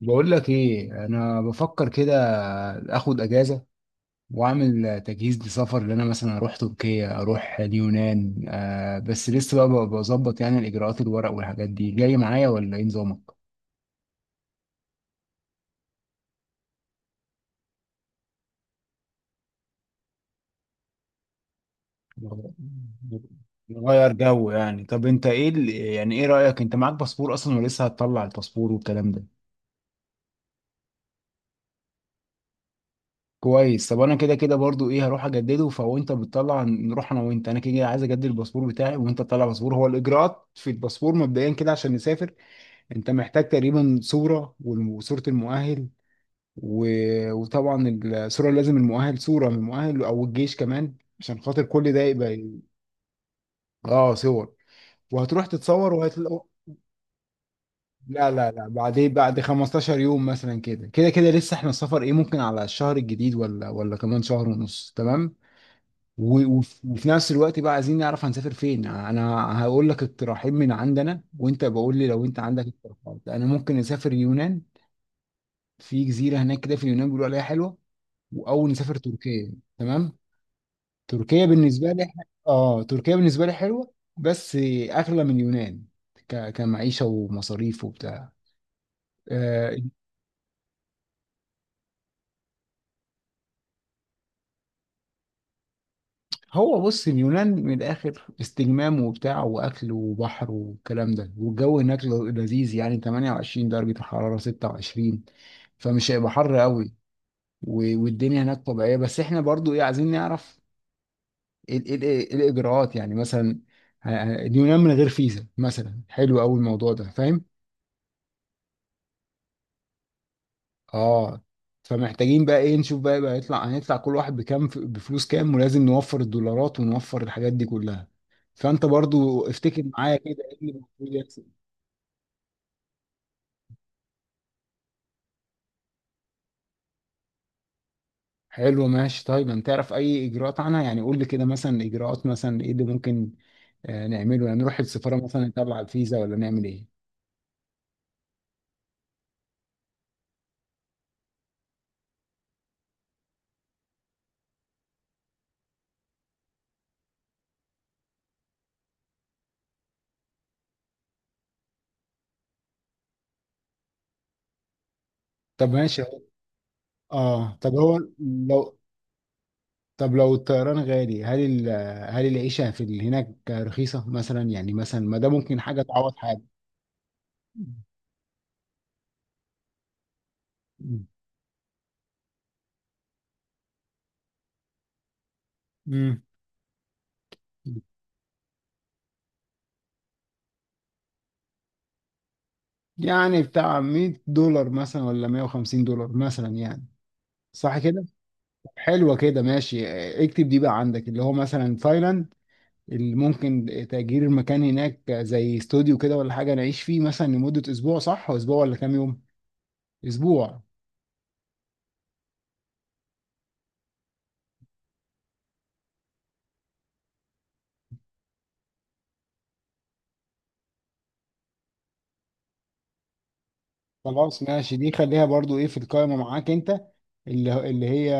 بقول لك ايه؟ انا بفكر كده اخد اجازه واعمل تجهيز لسفر، اللي انا مثلا اروح تركيا، اروح اليونان. بس لسه بقى بظبط يعني الاجراءات، الورق والحاجات دي جاي معايا، ولا ايه نظامك؟ نغير جو يعني. طب انت ايه يعني ايه رايك؟ انت معاك باسبور اصلا، ولسه هتطلع الباسبور والكلام ده؟ كويس. طب انا كده كده برضو ايه، هروح اجدده. فهو انت بتطلع نروح انا وانت، انا كده كده عايز اجدد الباسبور بتاعي، وانت تطلع باسبور. هو الاجراءات في الباسبور مبدئيا كده عشان نسافر، انت محتاج تقريبا صورة، وصورة المؤهل، وطبعا الصورة، لازم المؤهل، صورة من المؤهل، او الجيش كمان، عشان خاطر كل ده يبقى. اه، صور. وهتروح تتصور وهتلاقوا. لا لا لا، بعدين، بعد 15 يوم مثلا، كده كده كده لسه احنا السفر ايه، ممكن على الشهر الجديد، ولا كمان شهر ونص، تمام. وفي نفس الوقت بقى عايزين نعرف هنسافر فين. انا هقول لك اقتراحين من عندنا، وانت بقول لي لو انت عندك اقتراحات. انا ممكن نسافر يونان، في جزيره هناك كده في اليونان بيقولوا عليها حلوه. واول نسافر تركيا. تمام. تركيا بالنسبه لي، اه تركيا بالنسبه لي حلوه، بس اغلى من اليونان، كمعيشه ومصاريف وبتاع. آه. هو بص، اليونان من الاخر استجمام وبتاع، واكل وبحر والكلام ده، والجو هناك لذيذ يعني، 28 درجه الحراره، 26، فمش هيبقى حر قوي. والدنيا هناك طبيعيه. بس احنا برضو ايه عايزين نعرف إيه الاجراءات يعني. مثلا اليونان من غير فيزا مثلا، حلو قوي الموضوع ده، فاهم؟ اه. فمحتاجين بقى ايه نشوف بقى بقى، يطلع هنطلع كل واحد بكام، بفلوس كام، ولازم نوفر الدولارات ونوفر الحاجات دي كلها. فانت برضو افتكر معايا كده ايه اللي المفروض يحصل. حلو، ماشي. طيب انت تعرف اي اجراءات عنها؟ يعني قول لي كده مثلا، اجراءات، مثلا ايه اللي ممكن نعمله؟ يعني نروح السفارة مثلا نطلع الفيزا، ولا نعمل ايه؟ طب ماشي، اهو. اه طب هو لو، طب لو الطيران غالي، هل العيشة في هناك رخيصة مثلا؟ يعني مثلا ما ده ممكن حاجة تعوض حاجة. امم. يعني بتاع $100 مثلا، ولا $150 مثلا يعني، صح كده؟ حلوة كده، ماشي. اكتب دي بقى عندك، اللي هو مثلا تايلاند، اللي ممكن تأجير المكان هناك زي استوديو كده، ولا حاجة نعيش فيه مثلا لمدة أسبوع، صح؟ وأسبوع ولا كام يوم؟ أسبوع. خلاص، ماشي. دي خليها برضو ايه في القائمة معاك انت، اللي هي،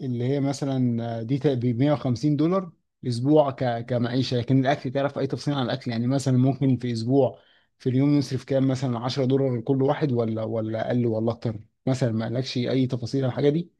اللي هي مثلا دي ب $150 اسبوع كمعيشة. لكن الاكل، تعرف اي تفصيل عن الاكل؟ يعني مثلا، ممكن في اسبوع، في اليوم نصرف كام، مثلا $10 لكل واحد، ولا اقل ولا اكتر مثلا؟ ما قالكش اي تفاصيل عن الحاجة دي؟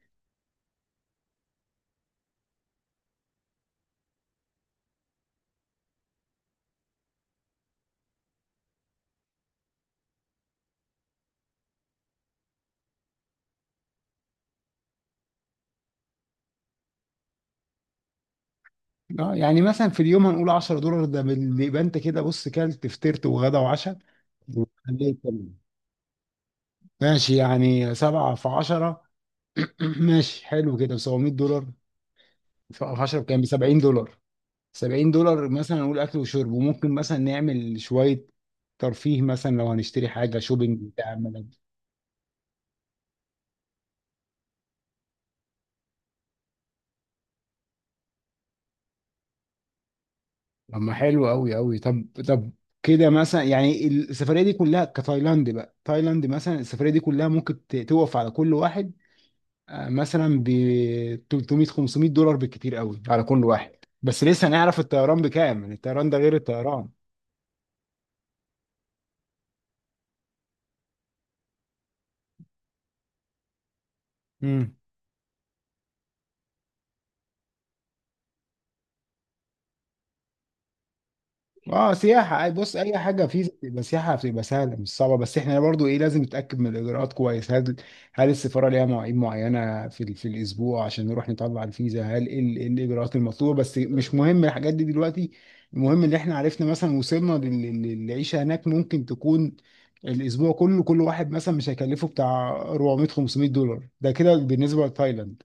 اه، يعني مثلا في اليوم هنقول $10، يبقى انت كده بص كلت فطرت وغدا وعشاء وخليت. ماشي يعني، سبعة في عشرة، ماشي، حلو كده، $700. هشرب كام، ب $70. $70 مثلا نقول اكل وشرب، وممكن مثلا نعمل شويه ترفيه، مثلا لو هنشتري حاجه شوبينج بتاع ملابس. طب ما حلو قوي قوي، طب طب كده مثلا يعني السفريه دي كلها كتايلاند بقى، تايلاند مثلا السفريه دي كلها ممكن توقف على كل واحد مثلا ب 300 $500 بالكتير قوي على كل واحد. بس لسه هنعرف الطيران بكام، يعني الطيران ده غير الطيران. مم. اه سياحة، اي بص اي حاجة في بتبقى سياحة بتبقى سهلة مش صعبة. بس احنا برضو ايه لازم نتأكد من الاجراءات كويس، هل، هل السفارة ليها مواعيد معينة في الاسبوع عشان نروح نطلع الفيزا؟ هل ايه إيه الاجراءات المطلوبة؟ بس مش مهم الحاجات دي دلوقتي، المهم ان احنا عرفنا، مثلا وصلنا للعيشة هناك ممكن تكون الاسبوع كله كل واحد مثلا مش هيكلفه بتاع 400 $500. ده كده بالنسبة لتايلاند.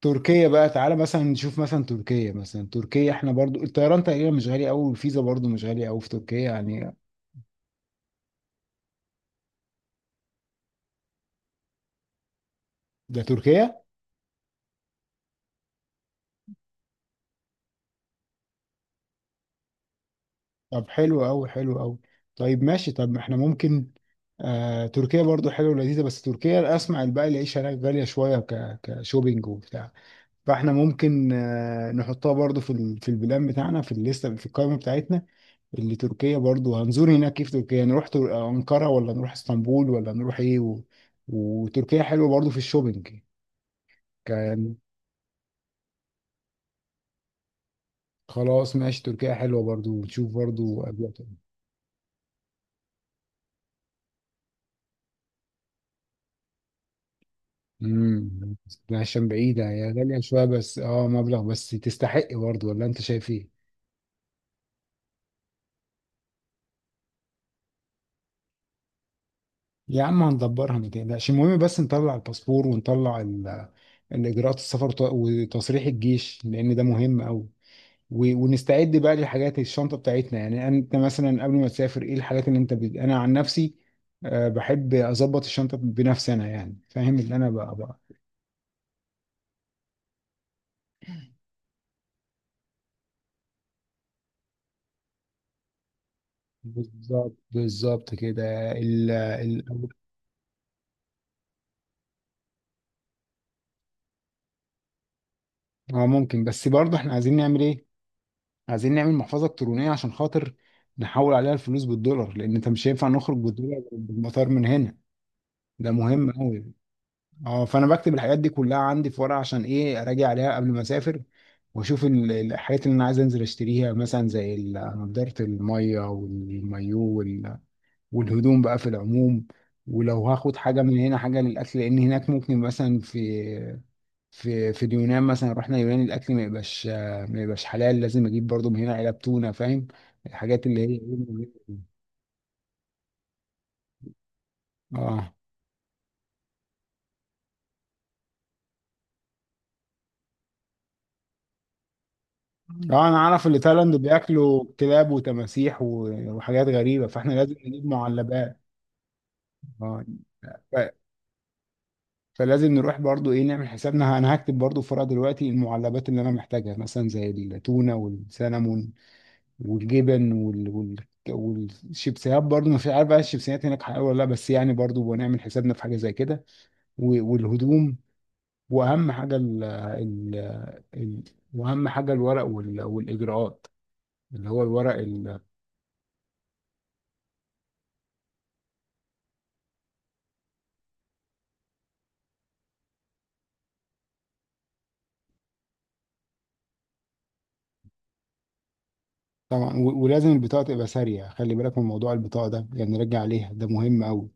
تركيا بقى، تعالى مثلا نشوف مثلا تركيا، مثلا تركيا احنا برضو الطيران تقريبا مش غالي قوي، والفيزا برضو مش غالية قوي في تركيا يعني. ده تركيا. طب حلو قوي، حلو قوي. طيب ماشي، طب ما احنا ممكن، آه تركيا برضو حلوة ولذيذة، بس تركيا اسمع بقى، العيشة هناك غالية شوية، ك كشوبينج وبتاع، فاحنا ممكن آه نحطها برضو في البلان بتاعنا، في الليستة، في القائمة بتاعتنا. اللي تركيا برضو هنزور هناك كيف تركيا، نروح أنقرة، ولا نروح اسطنبول، ولا نروح ايه، و، وتركيا حلوة برضو في الشوبينج، كان. خلاص ماشي، تركيا حلوة برضو، ونشوف برضو أجواء تانية. امم. عشان بعيدة هي، غالية شوية بس، اه مبلغ بس تستحق برضو، ولا انت شايف ايه؟ يا عم هندبرها ما تقلقش. المهم بس نطلع الباسبور، ونطلع الإجراءات السفر، وتصريح الجيش، لأن ده مهم أوي. ونستعد بقى للحاجات، الشنطه بتاعتنا يعني. انت مثلا قبل ما تسافر ايه الحاجات اللي انت انا عن نفسي بحب اظبط الشنطه بنفسي انا، يعني فاهم اللي انا بقى. بالظبط بالظبط كده، ال. اه ممكن، بس برضه احنا عايزين نعمل ايه؟ عايزين نعمل محفظه الكترونيه، عشان خاطر نحول عليها الفلوس بالدولار، لان انت مش هينفع نخرج بالدولار بالمطار من هنا. ده مهم قوي. اه فانا بكتب الحاجات دي كلها عندي في ورقه، عشان ايه اراجع عليها قبل ما اسافر، واشوف الحاجات اللي انا عايز انزل اشتريها مثلا، زي نضاره الميه والمايو والهدوم بقى في العموم. ولو هاخد حاجه من هنا، حاجه للاكل، لان هناك ممكن مثلا في، في اليونان مثلا، رحنا اليونان، الاكل ما يبقاش حلال، لازم اجيب برضو من هنا علب تونه، فاهم؟ الحاجات اللي هي ايه. اه، اه انا عارف اللي تايلاند بياكلوا كلاب وتماسيح وحاجات غريبه، فاحنا لازم نجيب معلبات. اه، ف- فلازم نروح برضو ايه نعمل حسابنا. انا هكتب برضو في ورقه دلوقتي المعلبات اللي انا محتاجها، مثلا زي التونه والسلمون والجبن والشيبسيهات برضو، ما في عارف بقى الشيبسيهات هناك حلوه ولا لا، بس يعني برضو هنعمل حسابنا في حاجه زي كده. و، والهدوم، واهم حاجه ال... واهم حاجه الورق والاجراءات، اللي هو الورق. طبعا. ولازم البطاقة تبقى سارية، خلي بالك من موضوع البطاقة ده، يعني نرجع عليها، ده مهم أوي.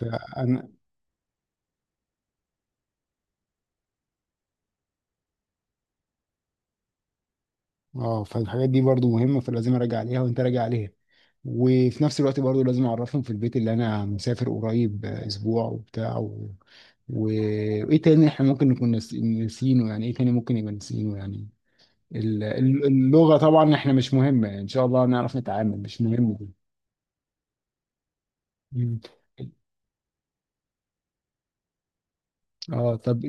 فأنا، اه فالحاجات دي برضو مهمة، فلازم أراجع عليها وأنت راجع عليها. وفي نفس الوقت برضو لازم أعرفهم في البيت اللي أنا مسافر قريب، أسبوع وبتاع، و، و... وإيه تاني إحنا ممكن نكون ناسينه؟ يعني إيه تاني ممكن يبقى ناسينه يعني. اللغة طبعا إحنا مش مهمة، يعني إن شاء الله نعرف نتعامل، مش مهم دي. مم. اه طب،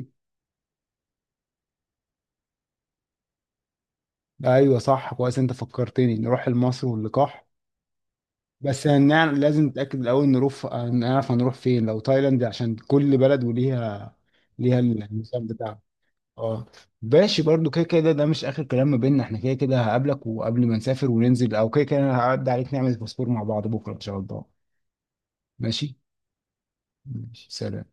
ايوه صح، كويس انت فكرتني، نروح لمصر واللقاح. بس هنعرف، لازم نتأكد الأول، نروح نعرف هنروح فين لو تايلاند، عشان كل بلد وليها، ليها النظام بتاعها. اه، ماشي. برضو كده كده ده مش آخر كلام ما بيننا احنا، كده كده هقابلك، وقبل ما نسافر وننزل، أو كده كده أنا هعدي عليك نعمل باسبور مع بعض بكرة إن شاء الله. ماشي. ماشي، سلام.